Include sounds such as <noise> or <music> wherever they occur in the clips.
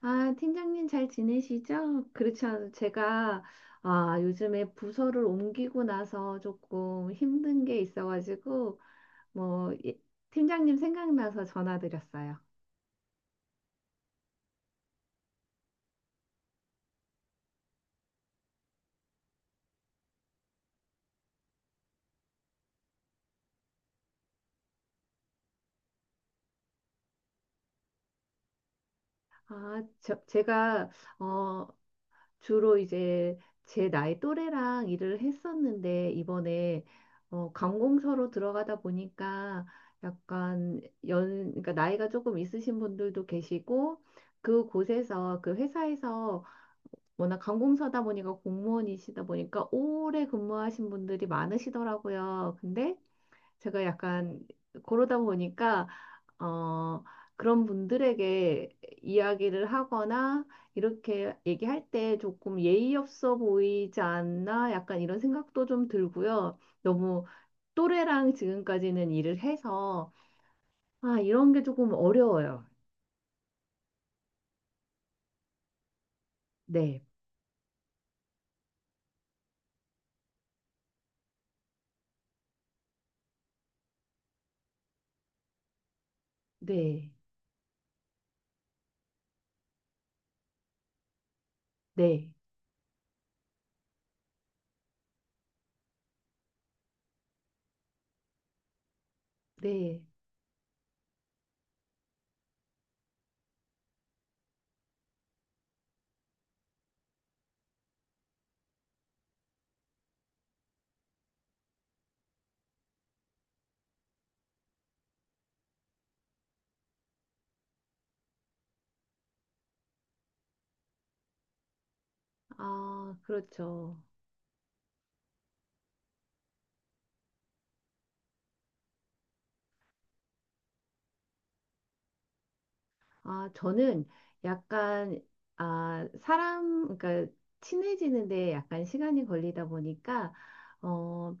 아, 팀장님 잘 지내시죠? 그렇지 않아도 제가 요즘에 부서를 옮기고 나서 조금 힘든 게 있어가지고 뭐 이- 팀장님 생각나서 전화드렸어요. 제가 어, 주로 이제 제 나이 또래랑 일을 했었는데 이번에 관공서로 들어가다 보니까 약간 그러니까 나이가 조금 있으신 분들도 계시고 그 곳에서 그 회사에서 워낙 관공서다 보니까 공무원이시다 보니까 오래 근무하신 분들이 많으시더라고요. 근데 제가 약간 그러다 보니까 어 그런 분들에게 이야기를 하거나 이렇게 얘기할 때 조금 예의 없어 보이지 않나 약간 이런 생각도 좀 들고요. 너무 또래랑 지금까지는 일을 해서 아 이런 게 조금 어려워요. 네, 네, 네, 네. 아, 그렇죠. 아, 저는 약간, 그러니까 친해지는데 약간 시간이 걸리다 보니까, 어,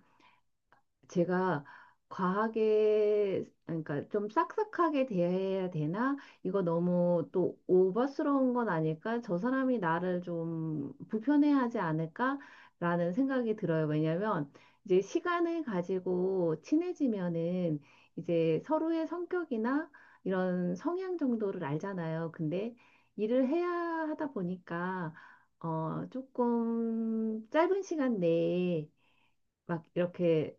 제가 과하게 그러니까 좀 싹싹하게 대해야 되나? 이거 너무 또 오버스러운 건 아닐까? 저 사람이 나를 좀 불편해하지 않을까라는 생각이 들어요. 왜냐면 이제 시간을 가지고 친해지면은 이제 서로의 성격이나 이런 성향 정도를 알잖아요. 근데 일을 해야 하다 보니까 조금 짧은 시간 내에 막 이렇게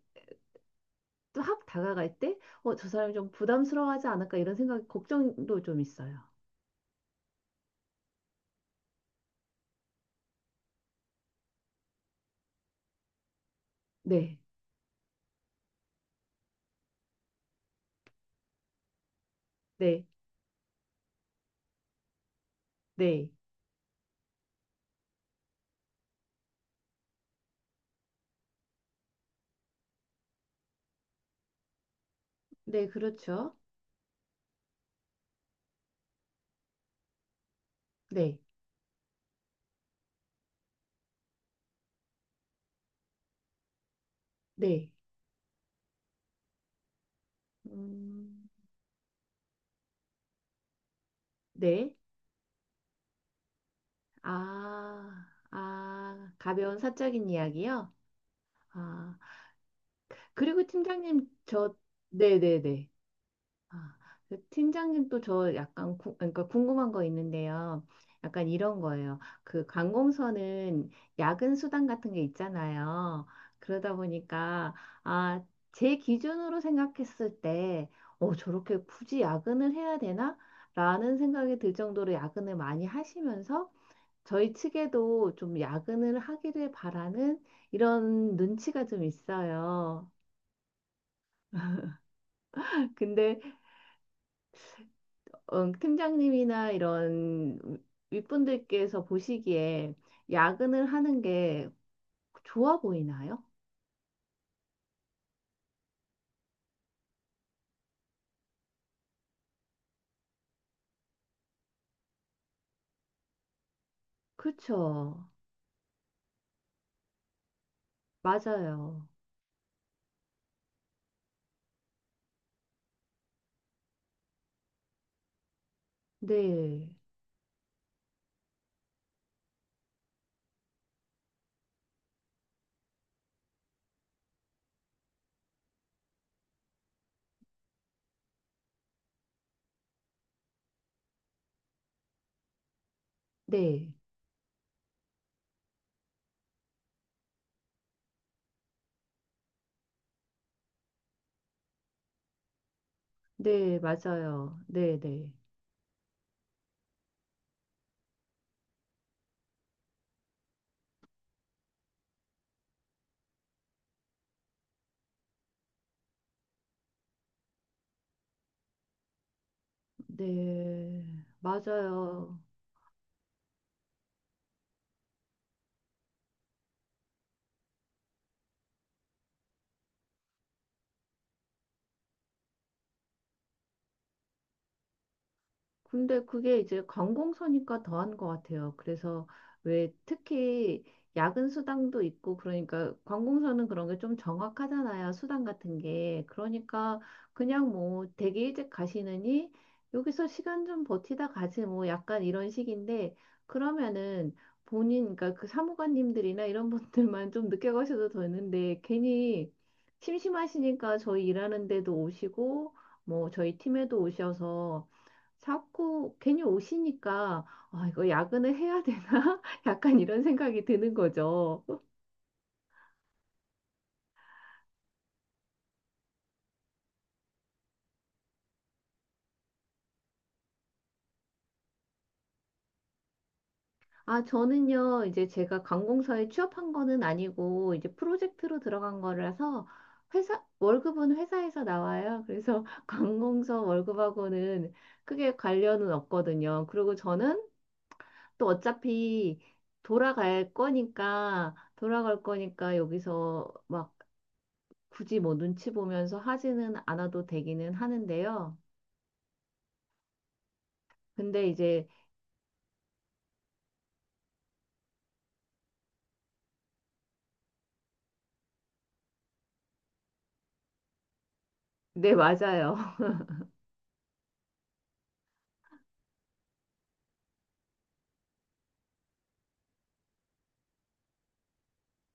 또 확 다가갈 때, 저 사람이 좀 부담스러워하지 않을까 이런 생각, 걱정도 좀 있어요. 네, 네, 네, 네, 그렇죠. 네, 네, 음, 네, 아, 아, 가벼운 사적인 이야기요. 아, 그리고 팀장님, 저, 네, 네, 네. 아, 그 팀장님 또 저 약간 그러니까 궁금한 거 있는데요. 약간 이런 거예요. 그 관공서는 야근 수당 같은 게 있잖아요. 그러다 보니까 아, 제 기준으로 생각했을 때 저렇게 굳이 야근을 해야 되나? 라는 생각이 들 정도로 야근을 많이 하시면서 저희 측에도 좀 야근을 하기를 바라는 이런 눈치가 좀 있어요. <laughs> 근데 팀장님이나 이런 윗분들께서 보시기에 야근을 하는 게 좋아 보이나요? 그렇죠. 맞아요. 네. 네. 네, 맞아요. 네, 네. 네, 맞아요. 근데 그게 이제 관공서니까 더한 것 같아요. 그래서 왜 특히 야근 수당도 있고 그러니까 관공서는 그런 게 좀 정확하잖아요. 수당 같은 게. 그러니까 그냥 뭐 되게 일찍 가시느니 여기서 시간 좀 버티다 가지 뭐 약간 이런 식인데 그러면은 본인 그러니까 그 사무관님들이나 이런 <laughs> 분들만 좀 늦게 가셔도 되는데 괜히 심심하시니까 저희 일하는데도 오시고 뭐 저희 팀에도 오셔서 자꾸 괜히 오시니까 아, 이거 야근을 해야 되나? <laughs> 약간 이런 생각이 드는 거죠. 아, 저는요, 이제 제가 관공서에 취업한 거는 아니고 이제 프로젝트로 들어간 거라서 회사 월급은 회사에서 나와요. 그래서 <laughs> 관공서 월급하고는 크게 관련은 없거든요. 그리고 저는 또 어차피 돌아갈 거니까 여기서 막 굳이 뭐 눈치 보면서 하지는 않아도 되기는 하는데요. 근데 이제 네, 맞아요. <laughs>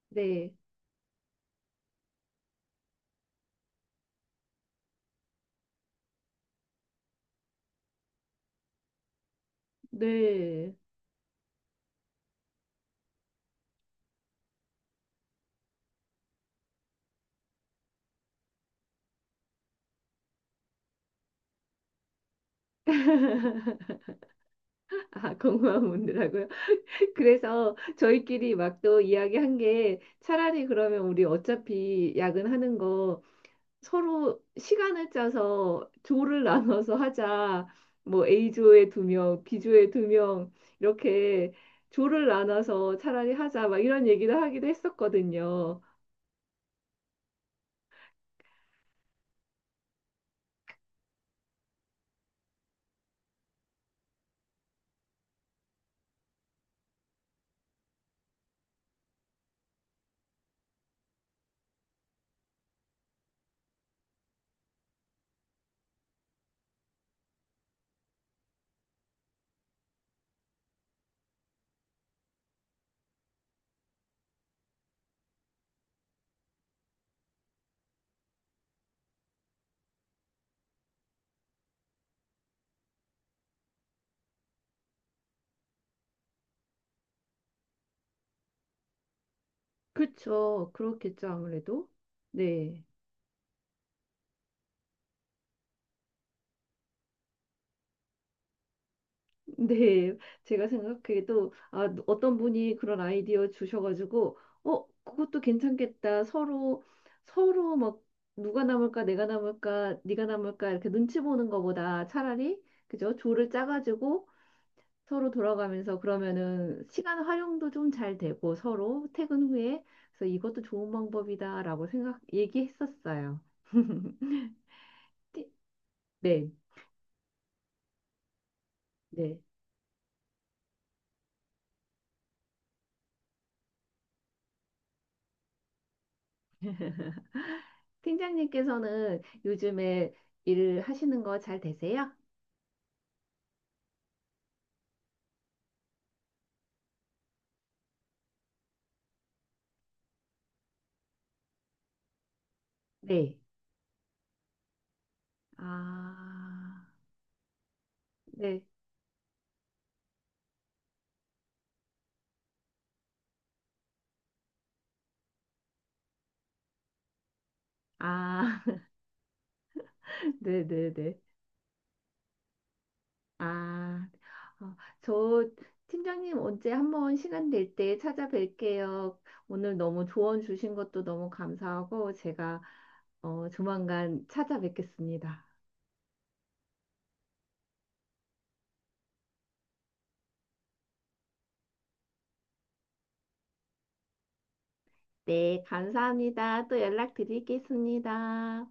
네. 네. 아, 공허한 분들하고요. <laughs> 그래서 저희끼리 막 또 이야기한 게 차라리 그러면 우리 어차피 야근하는 거 서로 시간을 짜서 조를 <laughs> 나눠서 하자. 뭐 A조에 두 명, B조에 두 명, 이렇게 조를 나눠서 차라리 하자. 막 이런 얘기를 하기도 했었거든요. 그쵸. 그렇겠죠. 아무래도. 네. 네, 제가 생각해도 아, 어떤 분이 그런 아이디어 주셔가지고 그것도 괜찮겠다 서로 막 누가 남을까 내가 남을까 네가 남을까 이렇게 눈치 보는 것보다 차라리 그죠 조를 짜가지고 서로 돌아가면서 그러면은 시간 활용도 좀 잘 되고 서로 퇴근 후에 그래서 이것도 좋은 방법이다라고 생각 얘기했었어요. <laughs> 네, 네. 팀장님께서는 요즘에 일 하시는 거 잘 되세요? 네. 아, 네. 아, <laughs> 네네네. 아, 어, 저 팀장님 언제 한번 시간 될 때 찾아뵐게요. 오늘 너무 조언 주신 것도 너무 감사하고 제가 조만간 찾아뵙겠습니다. 네, 감사합니다. 또 연락드리겠습니다.